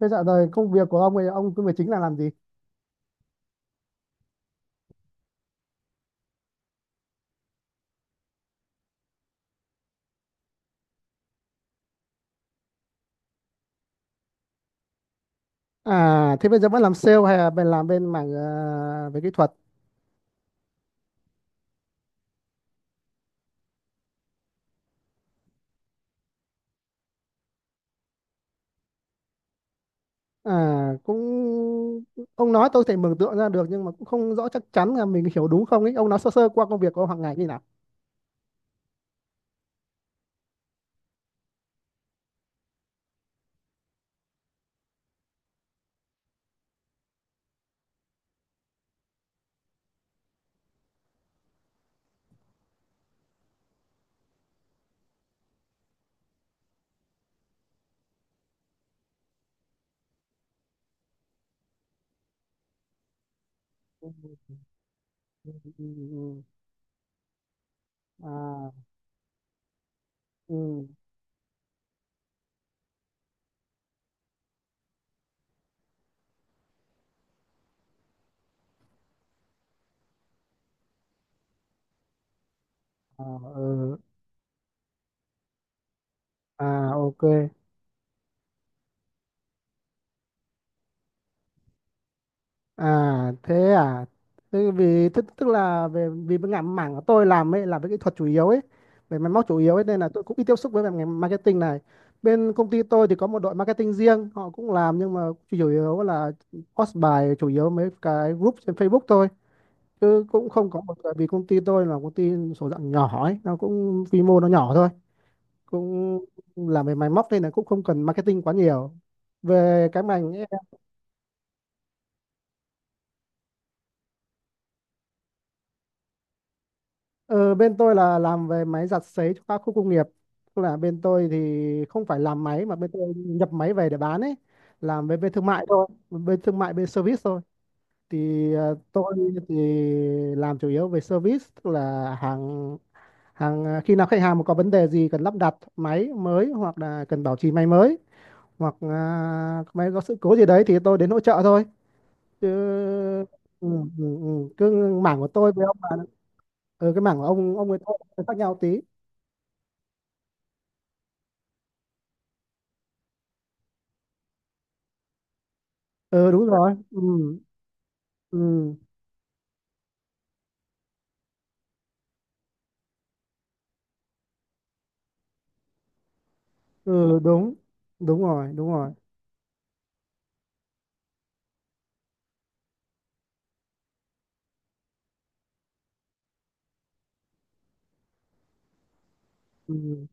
Thế dạo rồi công việc của ông ấy, ông công việc chính là làm gì? À, thế bây giờ vẫn làm sale hay là bên làm bên mảng về kỹ thuật? À, cũng ông nói tôi thể mường tượng ra được nhưng mà cũng không rõ chắc chắn là mình hiểu đúng không ấy. Ông nói sơ sơ qua công việc của ông hàng ngày như nào? Ừ, ừ, ừ, ừ, ừ. À, ừ, à, ừ, à, ok. À thế vì tức là về vì cái ngành mảng của tôi làm ấy là về kỹ thuật chủ yếu ấy, về máy móc chủ yếu ấy, nên là tôi cũng ít tiếp xúc với về ngành marketing này. Bên công ty tôi thì có một đội marketing riêng, họ cũng làm nhưng mà chủ yếu là post bài chủ yếu mấy cái group trên Facebook thôi, chứ cũng không có một, tại vì công ty tôi là công ty số dạng nhỏ ấy, nó cũng quy mô nó nhỏ thôi, cũng làm về máy móc nên là cũng không cần marketing quá nhiều về cái ngành. Ờ, bên tôi là làm về máy giặt sấy cho các khu công nghiệp. Tức là bên tôi thì không phải làm máy mà bên tôi nhập máy về để bán ấy, làm về bên thương mại thôi, bên thương mại bên service thôi. Thì tôi thì làm chủ yếu về service, tức là hàng hàng khi nào khách hàng mà có vấn đề gì cần lắp đặt máy mới hoặc là cần bảo trì máy mới hoặc máy có sự cố gì đấy thì tôi đến hỗ trợ thôi. Chứ ừ. cứ mảng của tôi với ông bà, ừ, cái mảng của ông với tôi khác nhau tí. Ừ, đúng rồi. Ừ ừ ừ Đúng, đúng rồi, đúng rồi. ừ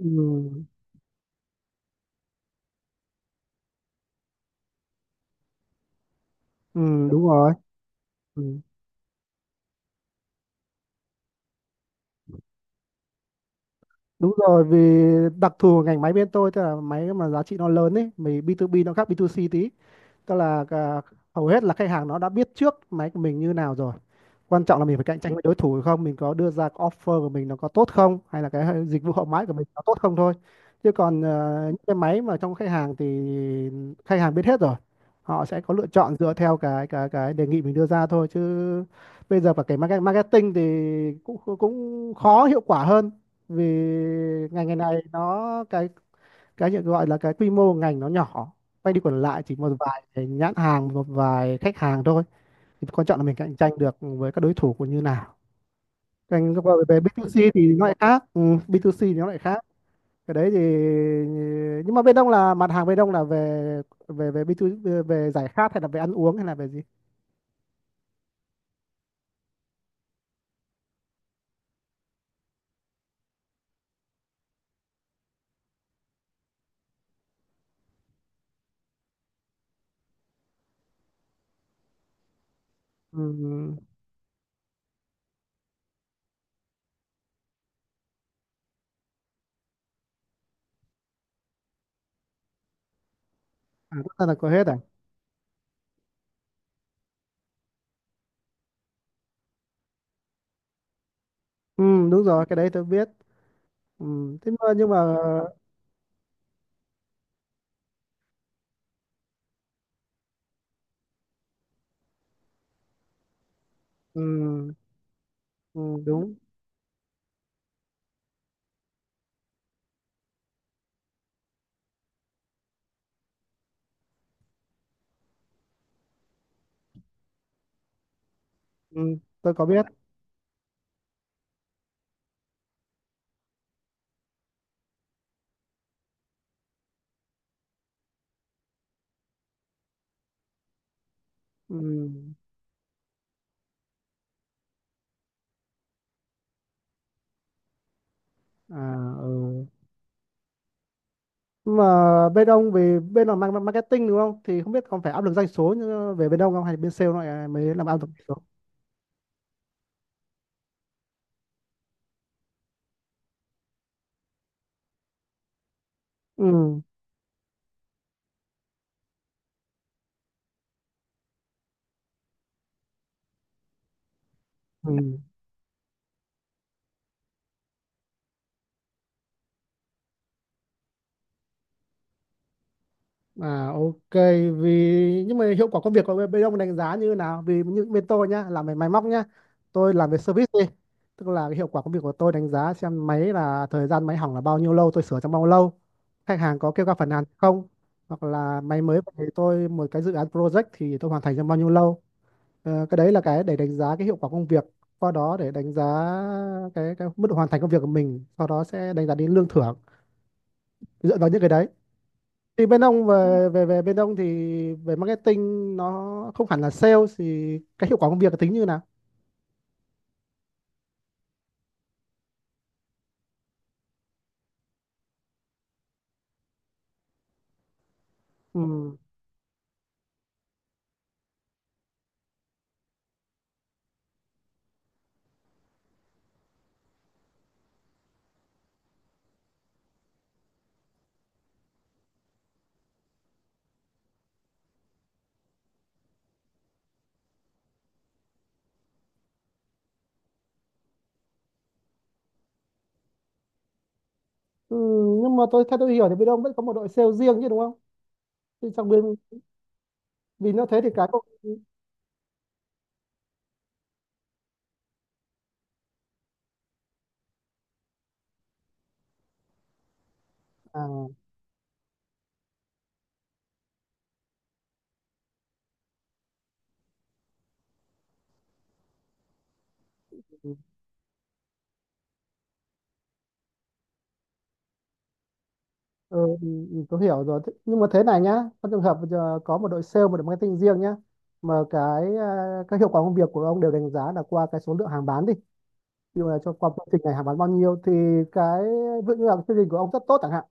ừ ừ Đúng rồi. Ừ. Đúng rồi, vì đặc thù của ngành máy bên tôi, tức là máy mà giá trị nó lớn ấy, mình B2B nó khác B2C tí, tức là hầu hết là khách hàng nó đã biết trước máy của mình như nào rồi, quan trọng là mình phải cạnh tranh với đối thủ hay không, mình có đưa ra cái offer của mình nó có tốt không, hay là cái dịch vụ hậu mãi của mình có tốt không thôi. Chứ còn những cái máy mà trong khách hàng thì khách hàng biết hết rồi, họ sẽ có lựa chọn dựa theo cái đề nghị mình đưa ra thôi. Chứ bây giờ và cái marketing thì cũng cũng khó hiệu quả hơn, vì ngành ngày này nó cái nhận gọi là cái quy mô ngành nó nhỏ, quay đi quẩn lại chỉ một vài cái nhãn hàng, một vài khách hàng thôi, thì quan trọng là mình cạnh tranh được với các đối thủ của như nào. Còn qua về B2C thì nó lại khác. Ừ, B2C thì nó lại khác cái đấy thì, nhưng mà bên ông là mặt hàng bên ông là về về về B2, về về giải khát hay là về ăn uống hay là về gì? Ừ. À, tất cả là có hết à? Ừ, đúng rồi, cái đấy tôi biết. Ừ. Thế mà nhưng mà ừ, ừ, đúng, ừ, tôi có biết. Ừ. À. Ừ. Mà bên ông về bên là marketing đúng không, thì không biết còn phải áp lực doanh số như về bên ông không, hay bên sale lại mới làm áp lực doanh số? Ừ ừ À, ok. Vì nhưng mà hiệu quả công việc của bên bên ông đánh giá như thế nào? Vì như bên tôi nhá, làm về máy móc nhá, tôi làm về service đi, tức là cái hiệu quả công việc của tôi đánh giá xem máy là thời gian máy hỏng là bao nhiêu lâu, tôi sửa trong bao lâu, khách hàng có kêu ca phản nàn không, hoặc là máy mới về thì tôi một cái dự án project thì tôi hoàn thành trong bao nhiêu lâu. Ờ, cái đấy là cái để đánh giá cái hiệu quả công việc, qua đó để đánh giá cái mức độ hoàn thành công việc của mình, sau đó sẽ đánh giá đến lương thưởng dựa vào những cái đấy. Thì bên ông về về về bên ông thì về marketing nó không hẳn là sale, thì cái hiệu quả công việc tính như nào? Ừ. Ừ, nhưng mà tôi theo tôi hiểu thì bên ông vẫn có một đội sale riêng chứ đúng không, thì trong bên, vì nó thế thì cái à, ừ, ừ, ừ, tôi hiểu rồi. Thế, nhưng mà thế này nhá, trong trường hợp bây giờ có một đội sale, một đội marketing riêng nhá, mà các hiệu quả công việc của ông đều đánh giá là qua cái số lượng hàng bán đi. Ví dụ là cho qua chương trình này hàng bán bao nhiêu thì cái, ví dụ như là chương trình của ông rất tốt chẳng hạn,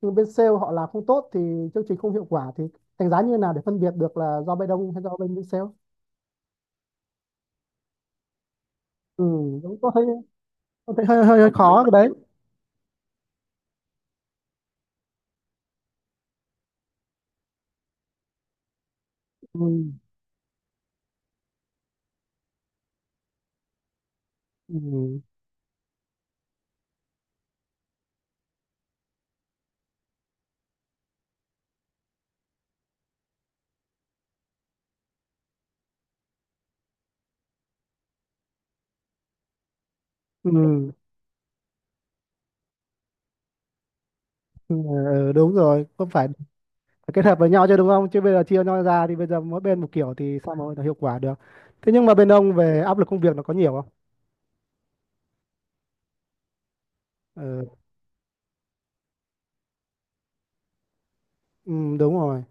nhưng bên sale họ làm không tốt thì chương trình không hiệu quả, thì đánh giá như thế nào để phân biệt được là do bên ông hay do bên bên sale? Ừ, đúng tôi thấy, tôi thấy hơi hơi, hơi khó cái đấy. Ừ, ừ, ừ, ừ, đúng rồi, không phải, phải kết hợp với nhau chứ đúng không, chứ bây giờ chia nhau ra thì bây giờ mỗi bên một kiểu thì sao mà hiệu quả được. Thế nhưng mà bên ông về áp lực công việc nó có nhiều không? Ừ, ừ, đúng rồi,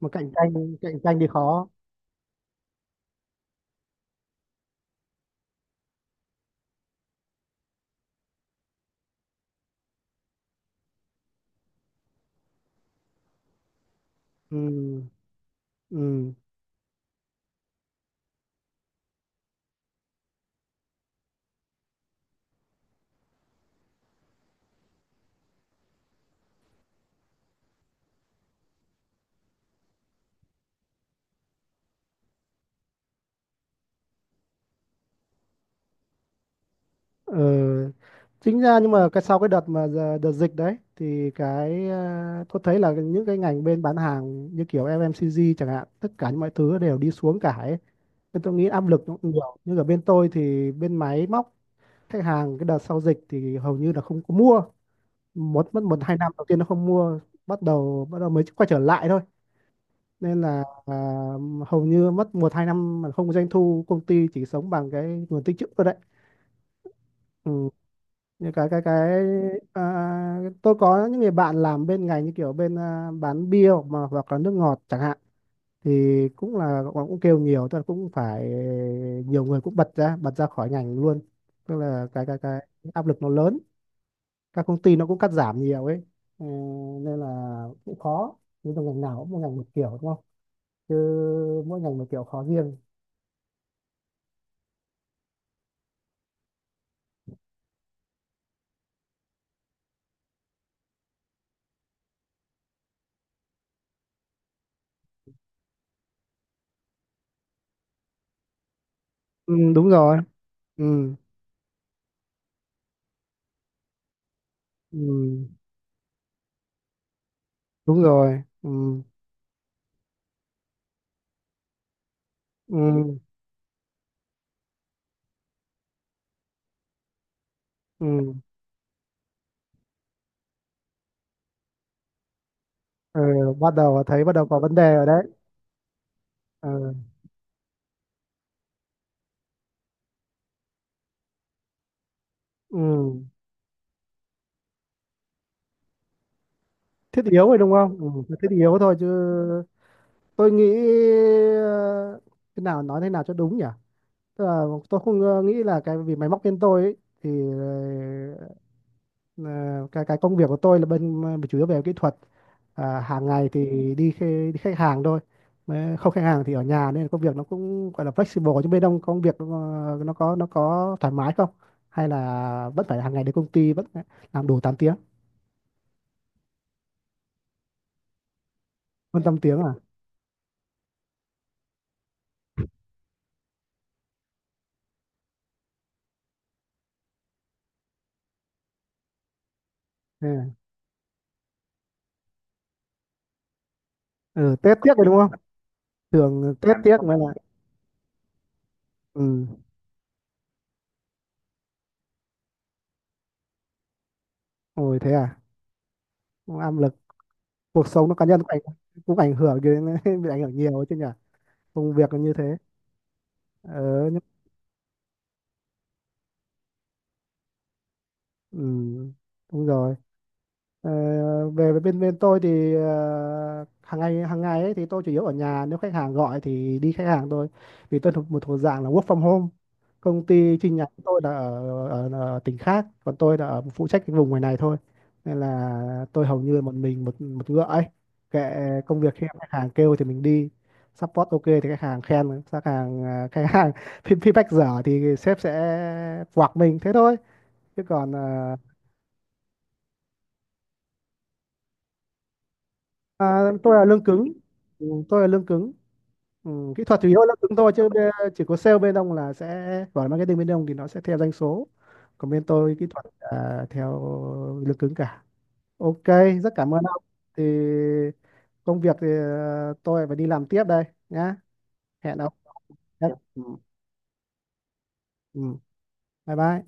mà cạnh tranh thì khó. Ừ ừ Ờ, chính ra nhưng mà cái sau cái đợt mà đợt dịch đấy thì cái, ờ, tôi thấy là những cái ngành bên bán hàng như kiểu FMCG chẳng hạn, tất cả mọi thứ đều đi xuống cả ấy, nên tôi nghĩ áp lực nó cũng nhiều, nhưng ở bên tôi thì bên máy móc, khách hàng cái đợt sau dịch thì hầu như là không có mua, một mất một hai năm đầu tiên nó không mua, bắt đầu mới quay trở lại thôi. Nên là hầu như mất một hai năm mà không có doanh thu, công ty chỉ sống bằng cái nguồn tích trữ thôi đấy. Ừ. Như cái à, tôi có những người bạn làm bên ngành như kiểu bên bán bia hoặc mà hoặc là nước ngọt chẳng hạn, thì cũng là cũng kêu nhiều, tức là cũng phải nhiều người cũng bật ra khỏi ngành luôn, tức là cái áp lực nó lớn, các công ty nó cũng cắt giảm nhiều ấy. Ờ, nên là cũng khó, nhưng mà ngành nào cũng mỗi ngành một kiểu đúng không, chứ mỗi ngành một kiểu khó riêng. Ừ, đúng rồi. Ừ, ừ, đúng rồi. Ừ, ừ, ừ. Ờ, bắt đầu có vấn đề rồi đấy. Ờ, ừ. Thiết yếu rồi đúng không? Ừ, thiết yếu thôi chứ tôi nghĩ. Ờ, thế nào, nói thế nào cho đúng nhỉ, tức là tôi không nghĩ là cái, vì máy móc bên tôi ấy, thì Ờ, cái công việc của tôi là bên chủ yếu về kỹ thuật, hàng ngày thì đi khách hàng thôi. Mà không khách hàng thì ở nhà, nên công việc nó cũng gọi là flexible, nhưng bên ông công việc nó có, nó có thoải mái không, hay là vẫn phải hàng ngày đến công ty vẫn phải làm đủ tám tiếng? Hơn 8 tiếng à? Ừ. Ừ, Tết tiếc rồi đúng không, thường Tết tiếc mới là. Ừ. Ôi thế à, áp lực, cuộc sống nó cá nhân cũng ảnh hưởng đến bị ảnh hưởng nhiều ấy chứ nhỉ, công việc là như thế. Ờ nhưng, ừ đúng rồi. Ờ, về với bên bên tôi thì hàng ngày ấy thì tôi chủ yếu ở nhà, nếu khách hàng gọi thì đi khách hàng thôi, vì tôi thuộc thuộc dạng là work from home. Công ty chi nhánh của tôi là ở tỉnh khác, còn tôi là ở phụ trách cái vùng ngoài này thôi. Nên là tôi hầu như là một mình một một ngựa ấy, kệ, công việc khi khách hàng kêu thì mình đi support, ok thì khách hàng khen, khách hàng khách hàng feedback dở thì sếp sẽ quạc mình thế thôi. Chứ còn à, tôi là lương cứng. Ừ, tôi là lương cứng. Ừ, kỹ thuật chủ yếu là lương cứng thôi, chứ chỉ có sale bên ông là sẽ gọi marketing bên ông thì nó sẽ theo doanh số. Còn bên tôi kỹ thuật là theo lương cứng cả. Ok, rất cảm ơn ông, thì công việc thì tôi phải đi làm tiếp đây nhá, hẹn ông. Dạ. Ừ. Ừ. Bye bye.